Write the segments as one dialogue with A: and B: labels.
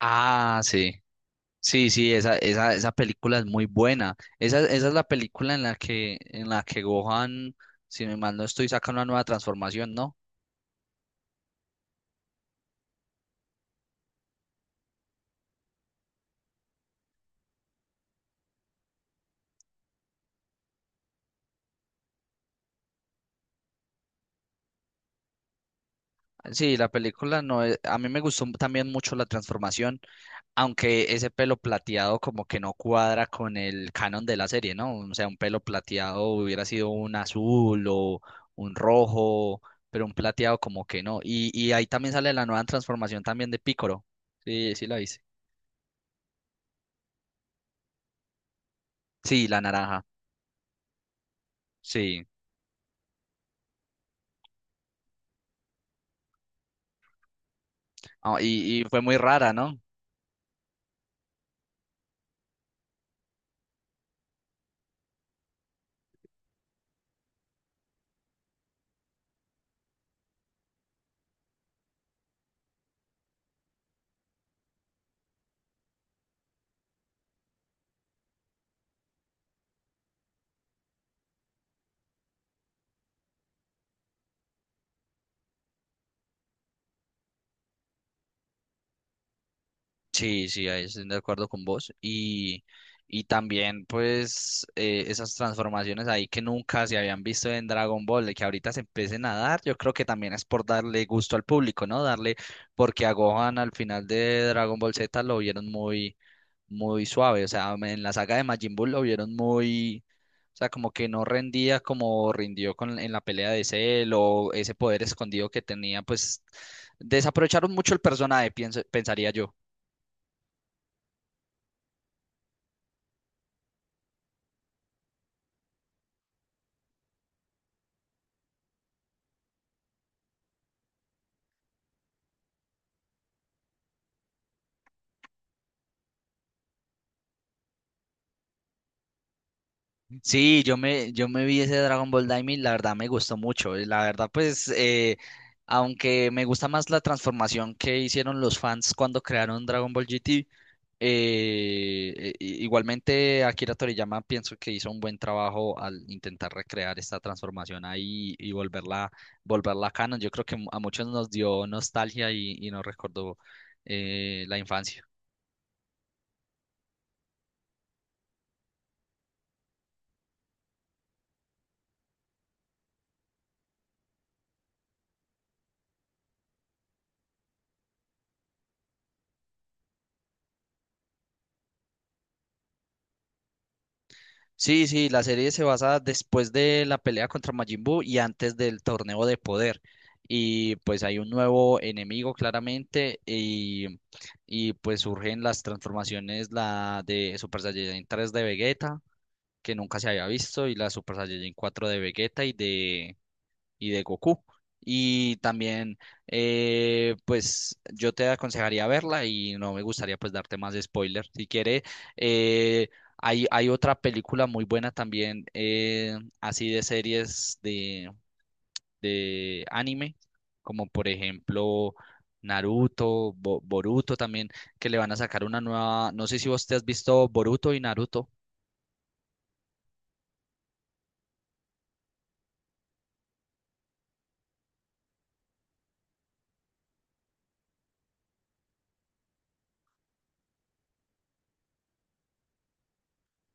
A: Ah, sí. Sí, sí, esa película es muy buena. Esa es la película en la que, Gohan, si me mal no estoy, saca una nueva transformación, ¿no? Sí, la película no es- a mí me gustó también mucho la transformación, aunque ese pelo plateado como que no cuadra con el canon de la serie, ¿no? O sea, un pelo plateado hubiera sido un azul o un rojo, pero un plateado como que no. Y ahí también sale la nueva transformación también de Piccolo. Sí, sí la hice. Sí, la naranja. Sí. Ah, y fue muy rara, ¿no? Sí, sí, ahí estoy de acuerdo con vos. Y también, pues, esas transformaciones ahí que nunca se habían visto en Dragon Ball, de que ahorita se empiecen a dar, yo creo que también es por darle gusto al público, ¿no? Darle, porque a Gohan al final de Dragon Ball Z lo vieron muy, muy suave. O sea, en la saga de Majin Buu lo vieron muy, o sea, como que no rendía como rindió con, en la pelea de Cell o ese poder escondido que tenía, pues, desaprovecharon mucho el personaje, pienso, pensaría yo. Sí, yo me vi ese Dragon Ball Daima y la verdad me gustó mucho. Y la verdad, pues, aunque me gusta más la transformación que hicieron los fans cuando crearon Dragon Ball GT, igualmente Akira Toriyama pienso que hizo un buen trabajo al intentar recrear esta transformación ahí y volverla, volverla canon. Yo creo que a muchos nos dio nostalgia y nos recordó la infancia. Sí, sí, la serie se basa después de la pelea contra Majin Buu y antes del torneo de poder. Y pues hay un nuevo enemigo claramente y pues surgen las transformaciones, la de Super Saiyajin tres de Vegeta, que nunca se había visto, y la Super Saiyajin cuatro de Vegeta y de Goku. Y también, pues yo te aconsejaría verla y no me gustaría pues darte más spoiler. Si quiere, eh, hay otra película muy buena también, así de series de anime, como por ejemplo Naruto, Boruto también, que le van a sacar una nueva, no sé si vos te has visto Boruto y Naruto.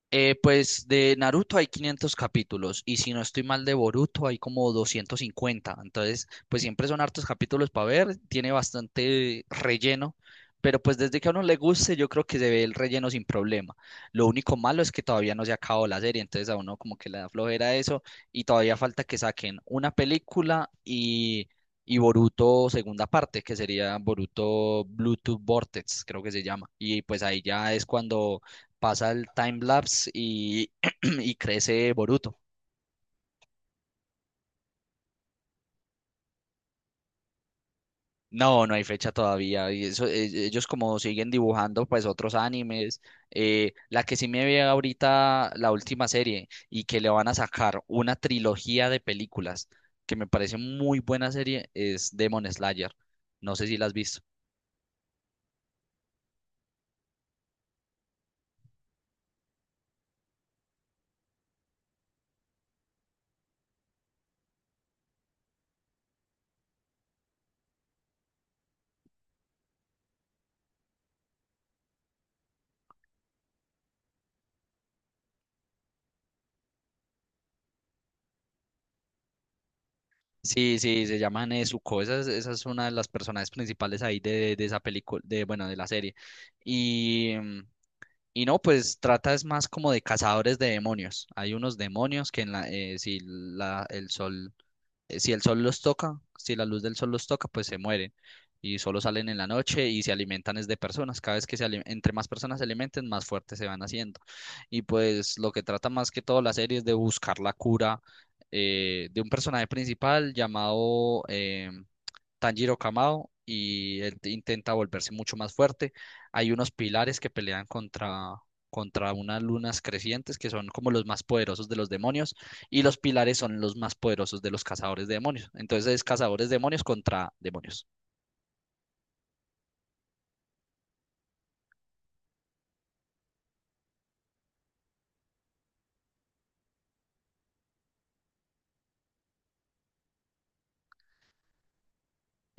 A: Pues de Naruto hay 500 capítulos y si no estoy mal de Boruto hay como 250. Entonces, pues siempre son hartos capítulos para ver, tiene bastante relleno, pero pues desde que a uno le guste yo creo que se ve el relleno sin problema. Lo único malo es que todavía no se acabó la serie, entonces a uno como que le da flojera eso y todavía falta que saquen una película y Boruto segunda parte, que sería Boruto Bluetooth Vortex, creo que se llama. Y pues ahí ya es cuando pasa el time lapse y, y crece Boruto. No, no hay fecha todavía. Y eso, ellos como siguen dibujando pues otros animes. Eh, la que sí me ve ahorita la última serie y que le van a sacar una trilogía de películas que me parece muy buena serie es Demon Slayer. No sé si la has visto. Sí, sí, se llama Nezuko. Esa es una de las personajes principales ahí de esa película, de, bueno, de la serie. Y, y no, pues trata es más como de cazadores de demonios. Hay unos demonios que en la, el sol, si el sol los toca, si la luz del sol los toca, pues se mueren. Y solo salen en la noche y se alimentan es de personas. Cada vez que entre más personas se alimenten, más fuertes se van haciendo. Y pues lo que trata más que todo la serie es de buscar la cura de un personaje principal llamado Tanjiro Kamado y él intenta volverse mucho más fuerte. Hay unos pilares que pelean contra, contra unas lunas crecientes que son como los más poderosos de los demonios y los pilares son los más poderosos de los cazadores de demonios. Entonces es cazadores de demonios contra demonios.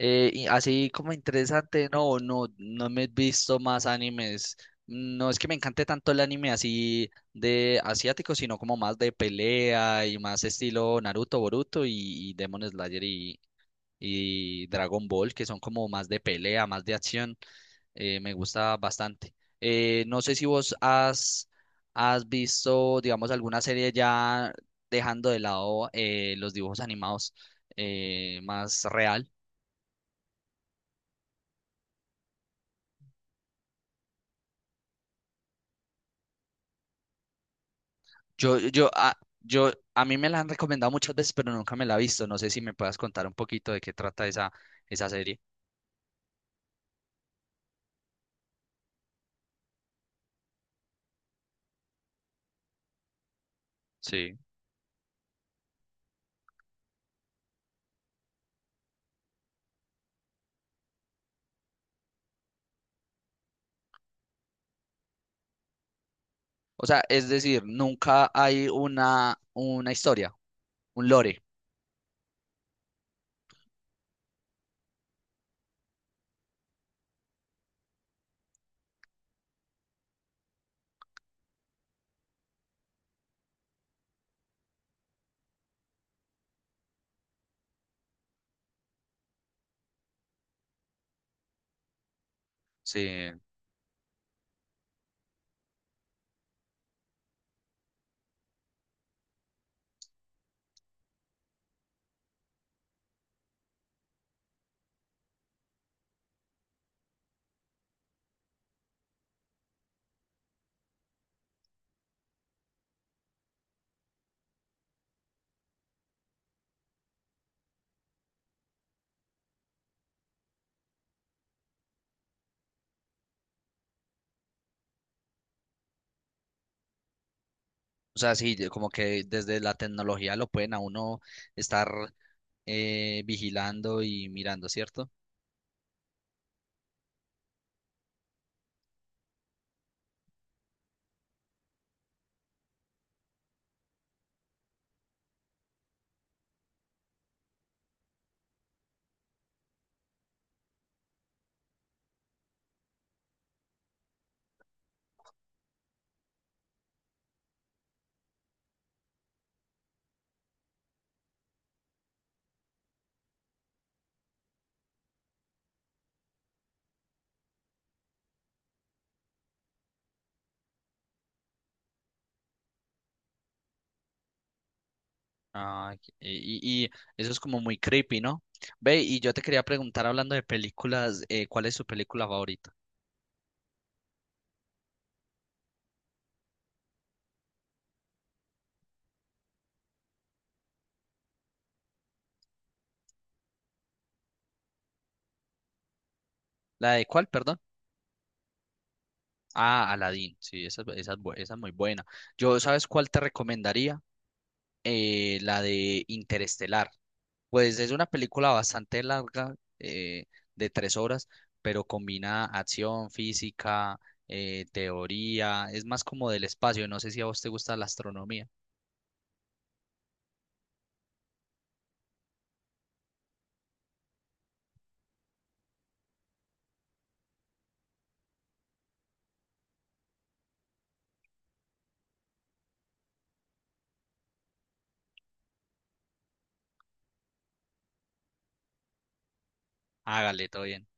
A: Y así como interesante, no, no, no me he visto más animes. No es que me encante tanto el anime así de asiático, sino como más de pelea y más estilo Naruto, Boruto y Demon Slayer y Dragon Ball, que son como más de pelea, más de acción. Me gusta bastante. No sé si vos has, Has visto, digamos, alguna serie ya dejando de lado los dibujos animados más real. Yo, a mí me la han recomendado muchas veces, pero nunca me la he visto. No sé si me puedas contar un poquito de qué trata esa, esa serie. Sí. O sea, es decir, nunca hay una historia, un lore. Sí. O sea, sí, de- como que desde la tecnología lo pueden a uno estar vigilando y mirando, ¿cierto? Ah, y eso es como muy creepy, ¿no? Ve, y yo te quería preguntar, hablando de películas, ¿cuál es su película favorita? ¿La de cuál, perdón? Ah, Aladdin, sí, esa es muy buena. Yo, ¿sabes cuál te recomendaría? La de Interestelar. Pues es una película bastante larga, de 3 horas, pero combina acción, física, teoría, es más como del espacio, no sé si a vos te gusta la astronomía. Hágale, todo bien.